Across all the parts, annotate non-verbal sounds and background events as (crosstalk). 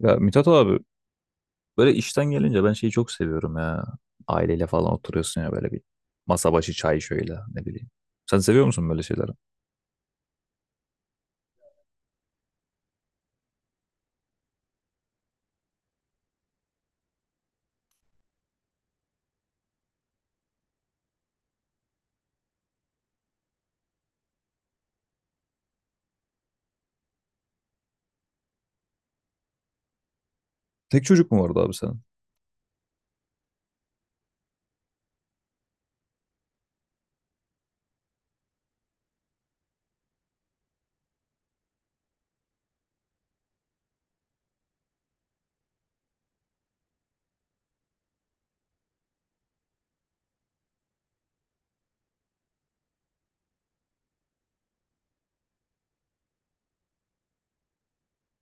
Ya Mithat abi böyle işten gelince ben şeyi çok seviyorum ya. Aileyle falan oturuyorsun ya böyle bir masa başı çay şöyle ne bileyim. Sen seviyor musun böyle şeyleri? Tek çocuk mu vardı abi senin?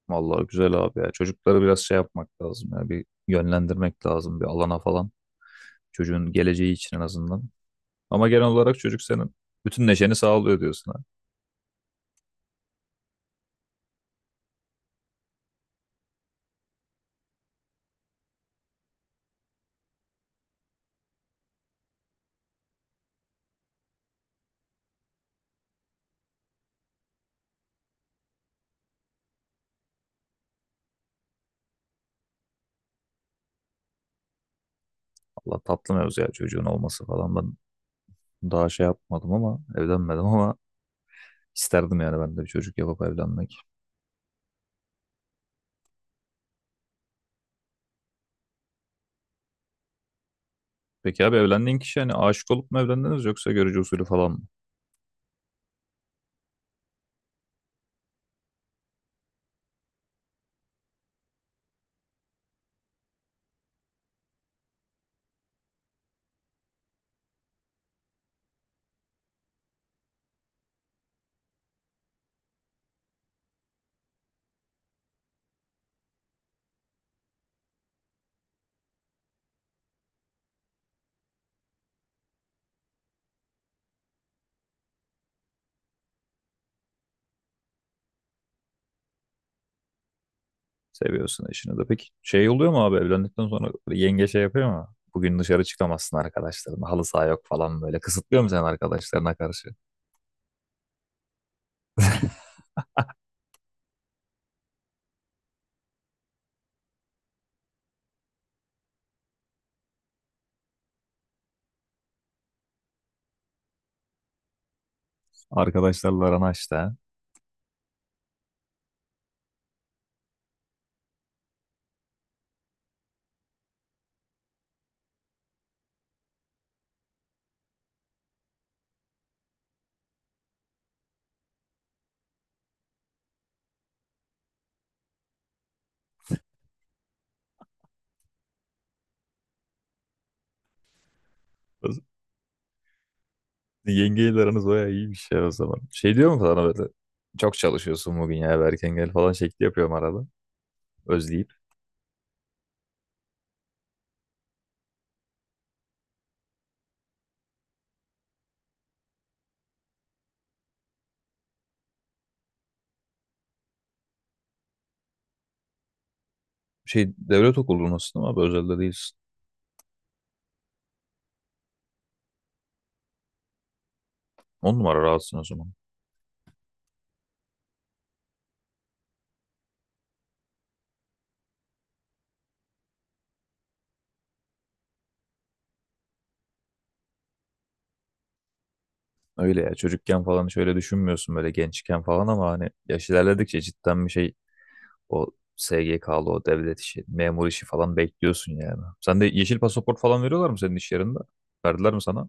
Vallahi güzel abi ya. Çocukları biraz şey yapmak lazım ya. Bir yönlendirmek lazım bir alana falan. Çocuğun geleceği için en azından. Ama genel olarak çocuk senin bütün neşeni sağlıyor diyorsun ha. Allah tatlı mevzu ya çocuğun olması falan. Ben daha şey yapmadım ama evlenmedim ama isterdim yani ben de bir çocuk yapıp evlenmek. Peki abi evlendiğin kişi hani aşık olup mu evlendiniz yoksa görücü usulü falan mı? Seviyorsun eşini de. Peki şey oluyor mu abi evlendikten sonra böyle yenge şey yapıyor mu? Bugün dışarı çıkamazsın arkadaşların. Halı saha yok falan böyle. Kısıtlıyor mu sen arkadaşlarına karşı? Arkadaşlarla aran açtı ha. Yengeyle aranız bayağı iyiymiş ya o zaman. Şey diyor mu sana böyle? Çok çalışıyorsun bugün ya eve erken gel falan şekli yapıyorum arada. Özleyip. Şey devlet okulundasın ama abi, özelde değilsin. On numara rahatsın o zaman. Öyle ya çocukken falan şöyle düşünmüyorsun böyle gençken falan ama hani yaş ilerledikçe cidden bir şey o SGK'lı o devlet işi, memur işi falan bekliyorsun yani. Sen de yeşil pasaport falan veriyorlar mı senin iş yerinde? Verdiler mi sana?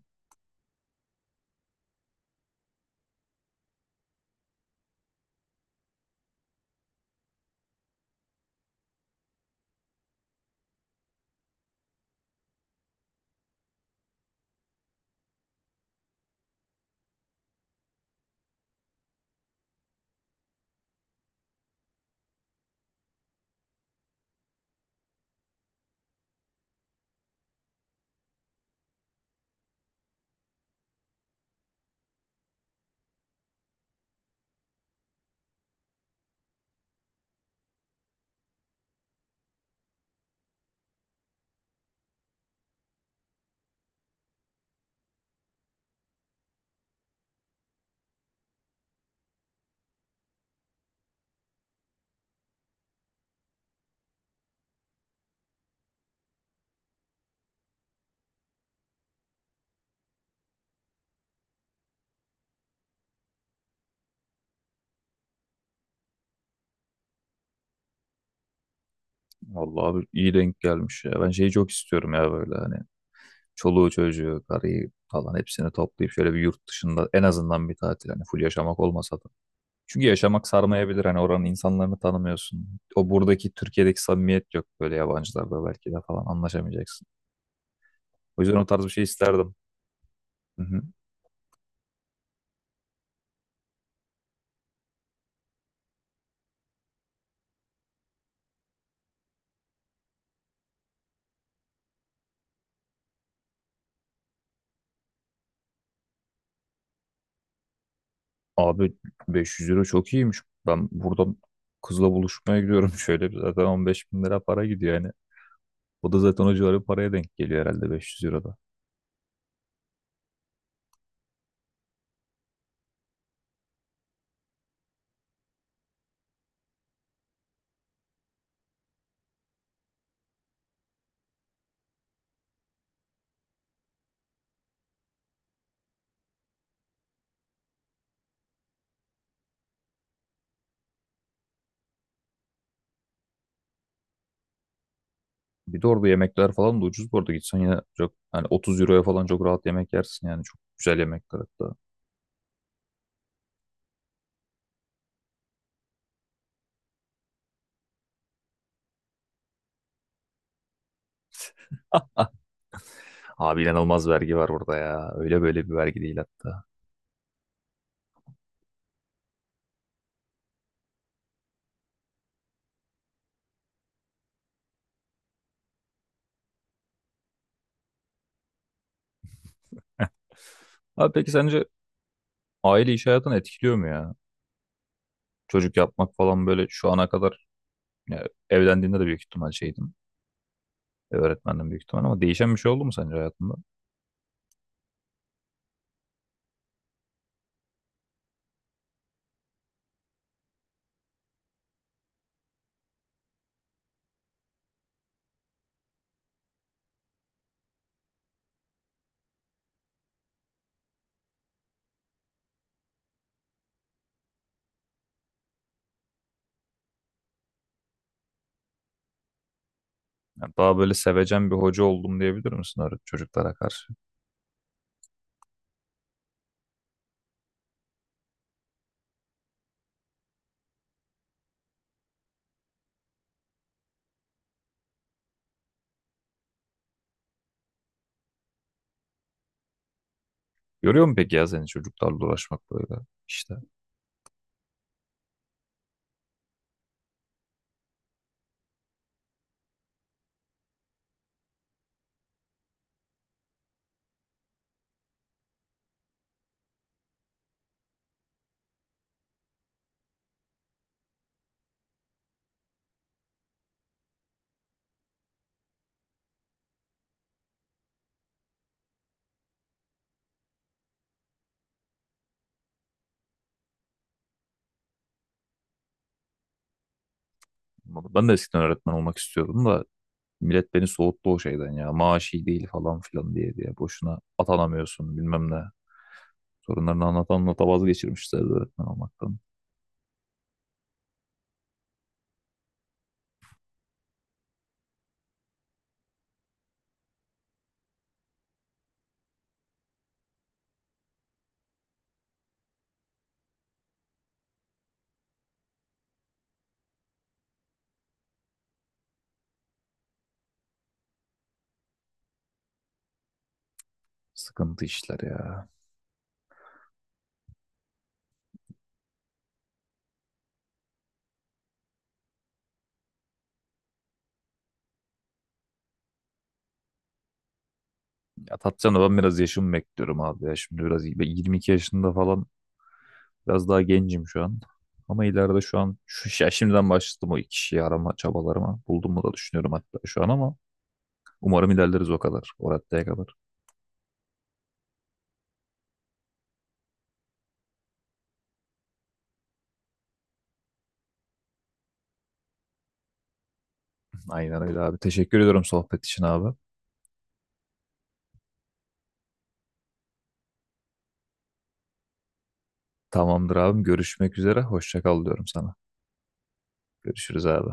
Vallahi abi iyi denk gelmiş ya. Ben şeyi çok istiyorum ya böyle hani çoluğu çocuğu, karıyı falan hepsini toplayıp şöyle bir yurt dışında en azından bir tatil hani full yaşamak olmasa da. Çünkü yaşamak sarmayabilir hani oranın insanlarını tanımıyorsun. O buradaki Türkiye'deki samimiyet yok böyle yabancılarda belki de falan anlaşamayacaksın. O yüzden o tarz bir şey isterdim. Hı hı. Abi 500 euro çok iyiymiş. Ben buradan kızla buluşmaya gidiyorum. (laughs) Şöyle bir zaten 15 bin lira para gidiyor yani. O da zaten o civarı bir paraya denk geliyor herhalde 500 euroda. Bir de orada yemekler falan da ucuz bu arada. Gitsen yine çok hani 30 euroya falan çok rahat yemek yersin yani. Çok güzel yemekler hatta. Abi inanılmaz vergi var orada ya. Öyle böyle bir vergi değil hatta. Abi peki sence aile iş hayatını etkiliyor mu ya? Çocuk yapmak falan böyle şu ana kadar ya, evlendiğinde de büyük ihtimal şeydim. Öğretmenden büyük ihtimal ama değişen bir şey oldu mu sence hayatında? Yani daha böyle sevecen bir hoca oldum diyebilir misin çocuklara karşı? Görüyor mu peki ya seni çocuklarla uğraşmak böyle işte? Ben de eskiden öğretmen olmak istiyordum da millet beni soğuttu o şeyden ya. Maaş iyi değil falan filan diye diye. Boşuna atanamıyorsun bilmem ne. Sorunlarını anlatan anlata vazgeçirmişler öğretmen olmaktan. Sıkıntı işler ya. Ya Tatcan'a ben biraz yaşımı bekliyorum abi ya. Şimdi biraz iyi. Ben 22 yaşında falan. Biraz daha gencim şu an. Ama ileride şu an şu ya şimdiden başladım o iki şeyi arama çabalarıma. Buldum mu da düşünüyorum hatta şu an ama umarım ilerleriz o kadar. O raddeye kadar. Aynen öyle abi. Teşekkür ediyorum sohbet için abi. Tamamdır abim. Görüşmek üzere. Hoşça kal diyorum sana. Görüşürüz abi.